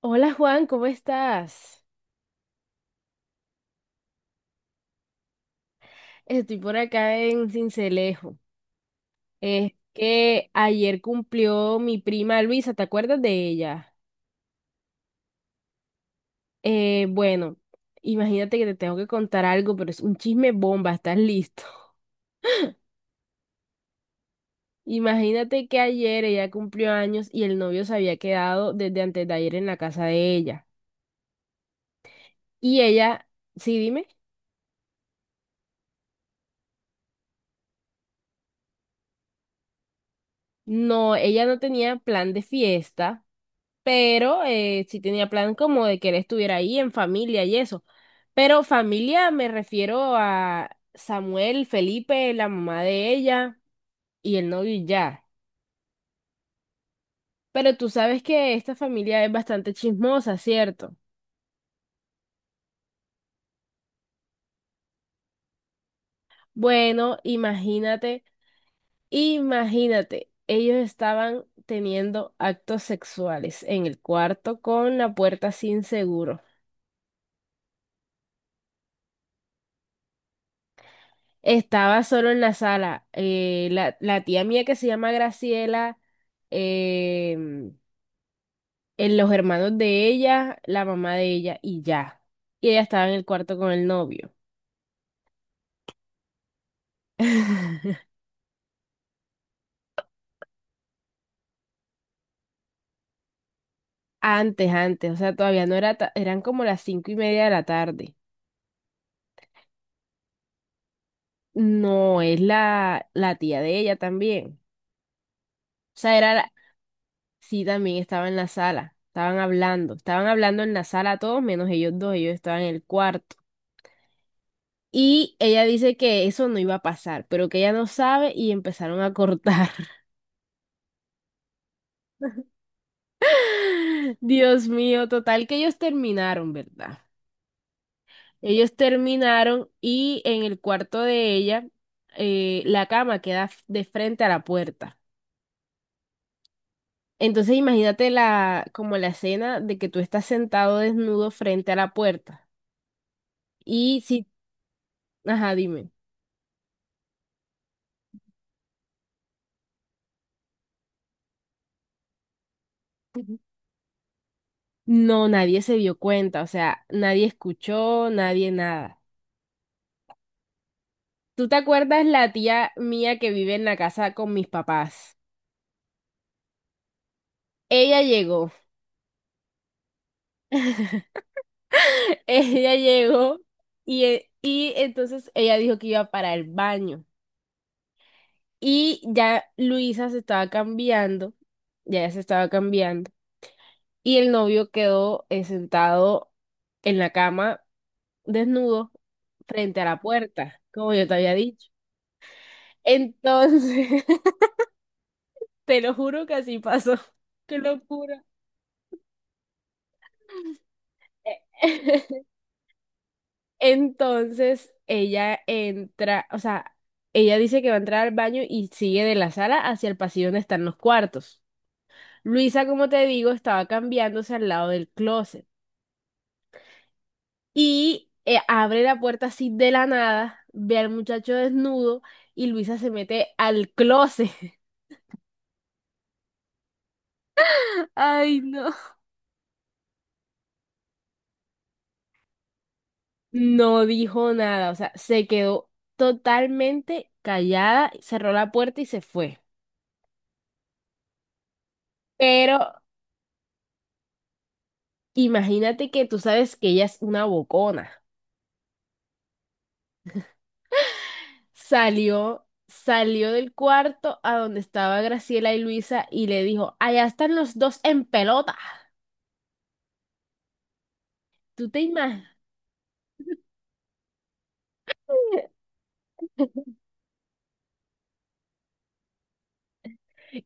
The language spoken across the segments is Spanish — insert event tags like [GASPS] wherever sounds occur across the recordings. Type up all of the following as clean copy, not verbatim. Hola Juan, ¿cómo estás? Estoy por acá en Cincelejo. Es que ayer cumplió mi prima Luisa, ¿te acuerdas de ella? Eh, bueno, Imagínate que te tengo que contar algo, pero es un chisme bomba, ¿estás listo? [LAUGHS] Imagínate que ayer ella cumplió años y el novio se había quedado desde antes de ayer en la casa de ella. Y ella, sí, dime, no, ella no tenía plan de fiesta. Pero sí tenía plan como de que él estuviera ahí en familia y eso. Pero familia me refiero a Samuel, Felipe, la mamá de ella y el novio y ya. Pero tú sabes que esta familia es bastante chismosa, ¿cierto? Bueno, imagínate, ellos estaban teniendo actos sexuales en el cuarto con la puerta sin seguro. Estaba solo en la sala. La tía mía que se llama Graciela, em, en los hermanos de ella, la mamá de ella y ya. Y ella estaba en el cuarto con el novio. [LAUGHS] Antes, antes, o sea, todavía no era, eran como las cinco y media de la tarde. No, es la tía de ella también. O sea, sí, también estaba en la sala. Estaban hablando en la sala todos menos ellos dos, ellos estaban en el cuarto. Y ella dice que eso no iba a pasar, pero que ella no sabe y empezaron a cortar. [LAUGHS] Dios mío, total que ellos terminaron, ¿verdad? Ellos terminaron y en el cuarto de ella la cama queda de frente a la puerta. Entonces imagínate la, como la escena de que tú estás sentado desnudo frente a la puerta. Y si, ajá, dime. No, nadie se dio cuenta, o sea, nadie escuchó, nadie nada. ¿Tú te acuerdas la tía mía que vive en la casa con mis papás? Ella llegó, [LAUGHS] ella llegó y entonces ella dijo que iba para el baño. Y ya Luisa se estaba cambiando, ya ella se estaba cambiando. Y el novio quedó sentado en la cama, desnudo, frente a la puerta, como yo te había dicho. Entonces, [LAUGHS] te lo juro que así pasó. Qué locura. [LAUGHS] Entonces ella entra, o sea, ella dice que va a entrar al baño y sigue de la sala hacia el pasillo donde están los cuartos. Luisa, como te digo, estaba cambiándose al lado del closet y abre la puerta así de la nada, ve al muchacho desnudo y Luisa se mete al closet. [LAUGHS] Ay, no. No dijo nada, o sea, se quedó totalmente callada, cerró la puerta y se fue. Pero imagínate que tú sabes que ella es una bocona. Salió del cuarto a donde estaba Graciela y Luisa y le dijo, allá están los dos en pelota. ¿Tú te imaginas?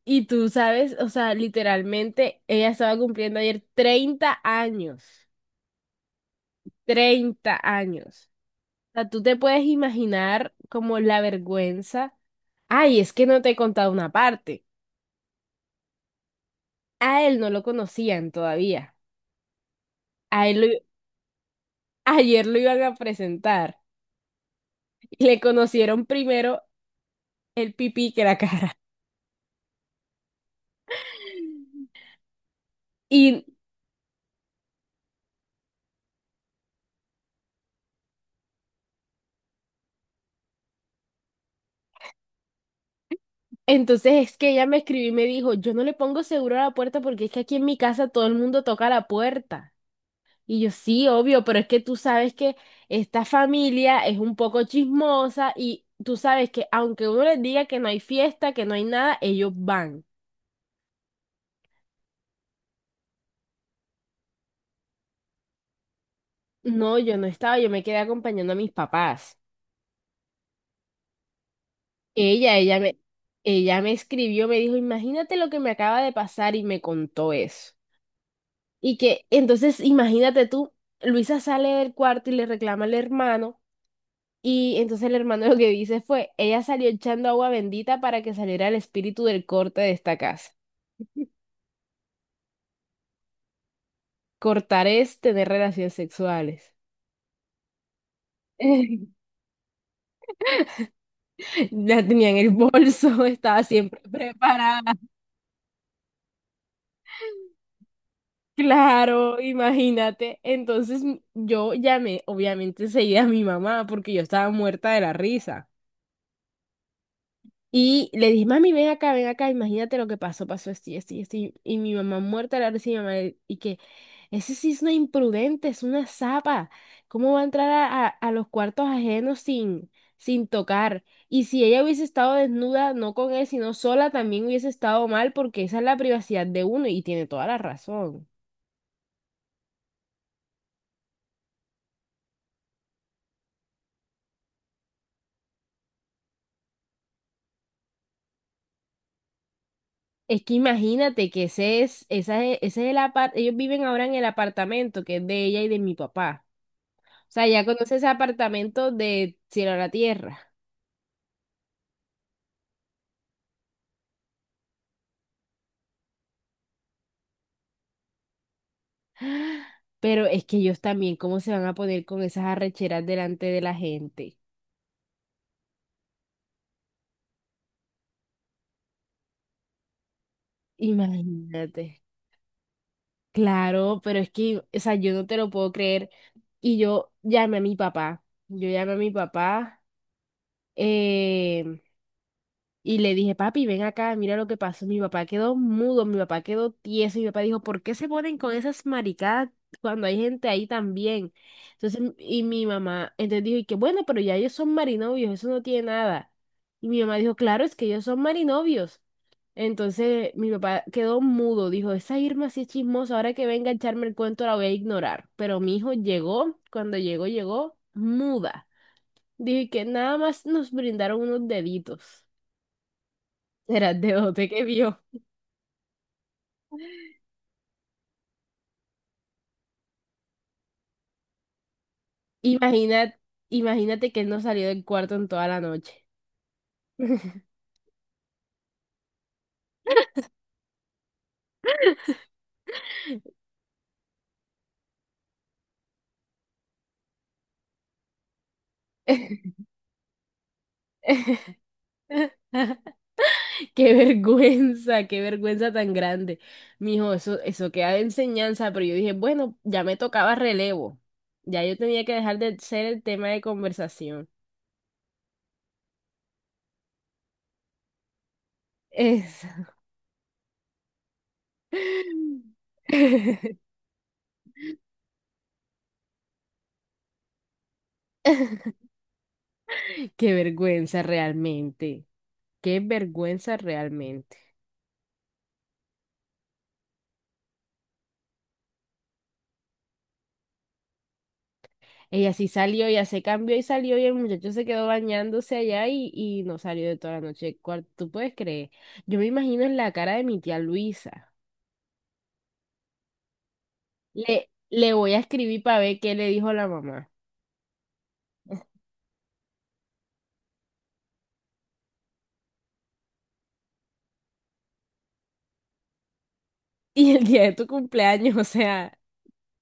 Y tú sabes, o sea, literalmente ella estaba cumpliendo ayer 30 años, 30 años. O sea, tú te puedes imaginar como la vergüenza. Ay, es que no te he contado una parte. A él no lo conocían todavía. A él lo- ayer lo iban a presentar y le conocieron primero el pipí que la cara. Y entonces es que ella me escribió y me dijo, yo no le pongo seguro a la puerta porque es que aquí en mi casa todo el mundo toca la puerta. Y yo, sí, obvio, pero es que tú sabes que esta familia es un poco chismosa y tú sabes que aunque uno les diga que no hay fiesta, que no hay nada, ellos van. No, yo no estaba, yo me quedé acompañando a mis papás. Ella, ella me, ella me escribió, me dijo, imagínate lo que me acaba de pasar y me contó eso. Y que entonces imagínate tú, Luisa sale del cuarto y le reclama al hermano y entonces el hermano [LAUGHS] lo que dice fue, ella salió echando agua bendita para que saliera el espíritu del corte de esta casa. Cortar es tener relaciones sexuales. [LAUGHS] La tenía en el bolso, [LAUGHS] estaba siempre preparada. Claro, imagínate. Entonces yo llamé, obviamente, enseguida a mi mamá porque yo estaba muerta de la risa. Y le dije, mami, ven acá, imagínate lo que pasó, pasó esto y esto y esto. Y mi mamá muerta de la risa y mi mamá, y que ese sí es una imprudente, es una zapa. ¿Cómo va a entrar a los cuartos ajenos sin, sin tocar? Y si ella hubiese estado desnuda, no con él, sino sola, también hubiese estado mal, porque esa es la privacidad de uno y tiene toda la razón. Es que imagínate que ese es el apart, ellos viven ahora en el apartamento que es de ella y de mi papá. O sea, ya conoces apartamentos de cielo a la tierra. [GASPS] Pero es que ellos también, ¿cómo se van a poner con esas arrecheras delante de la gente? Imagínate. Claro, pero es que, o sea, yo no te lo puedo creer. Y yo llamé a mi papá. Yo llamé a mi papá. eh, Y le dije, papi, ven acá, mira lo que pasó. Mi papá quedó mudo, mi papá quedó tieso. Y mi papá dijo, ¿por qué se ponen con esas maricadas cuando hay gente ahí también? Entonces, y mi mamá, entonces dijo, y que bueno, pero ya ellos son marinovios, eso no tiene nada. Y mi mamá dijo, claro, es que ellos son marinovios. Entonces, mi papá quedó mudo, dijo, esa Irma sí es chismosa, ahora que venga a echarme el cuento la voy a ignorar. Pero mi hijo llegó, cuando llegó, llegó muda. Dije que nada más nos brindaron unos deditos. Era de bote que vio. Imagina, imagínate que él no salió del cuarto en toda la noche. [LAUGHS] Qué vergüenza tan grande. Mijo, eso queda de enseñanza, pero yo dije, bueno, ya me tocaba relevo. Ya yo tenía que dejar de ser el tema de conversación. Eso. [LAUGHS] Qué vergüenza realmente. Qué vergüenza realmente. Ella sí salió, ella se cambió y salió y el muchacho se quedó bañándose allá y no salió de toda la noche del cuarto. ¿Tú puedes creer? Yo me imagino en la cara de mi tía Luisa. Le voy a escribir para ver qué le dijo la mamá. [LAUGHS] Y el día de tu cumpleaños, o sea,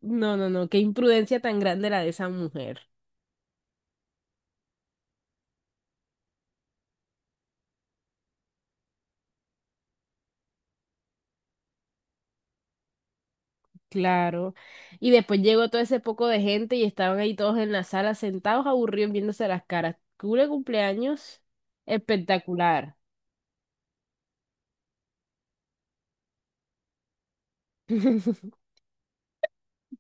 no, no, no, qué imprudencia tan grande la de esa mujer. Claro. Y después llegó todo ese poco de gente y estaban ahí todos en la sala sentados, aburridos, viéndose las caras. Cule cumpleaños espectacular. [LAUGHS]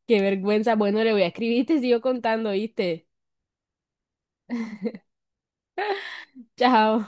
Qué vergüenza. Bueno, le voy a escribir y te sigo contando, ¿viste? Chao.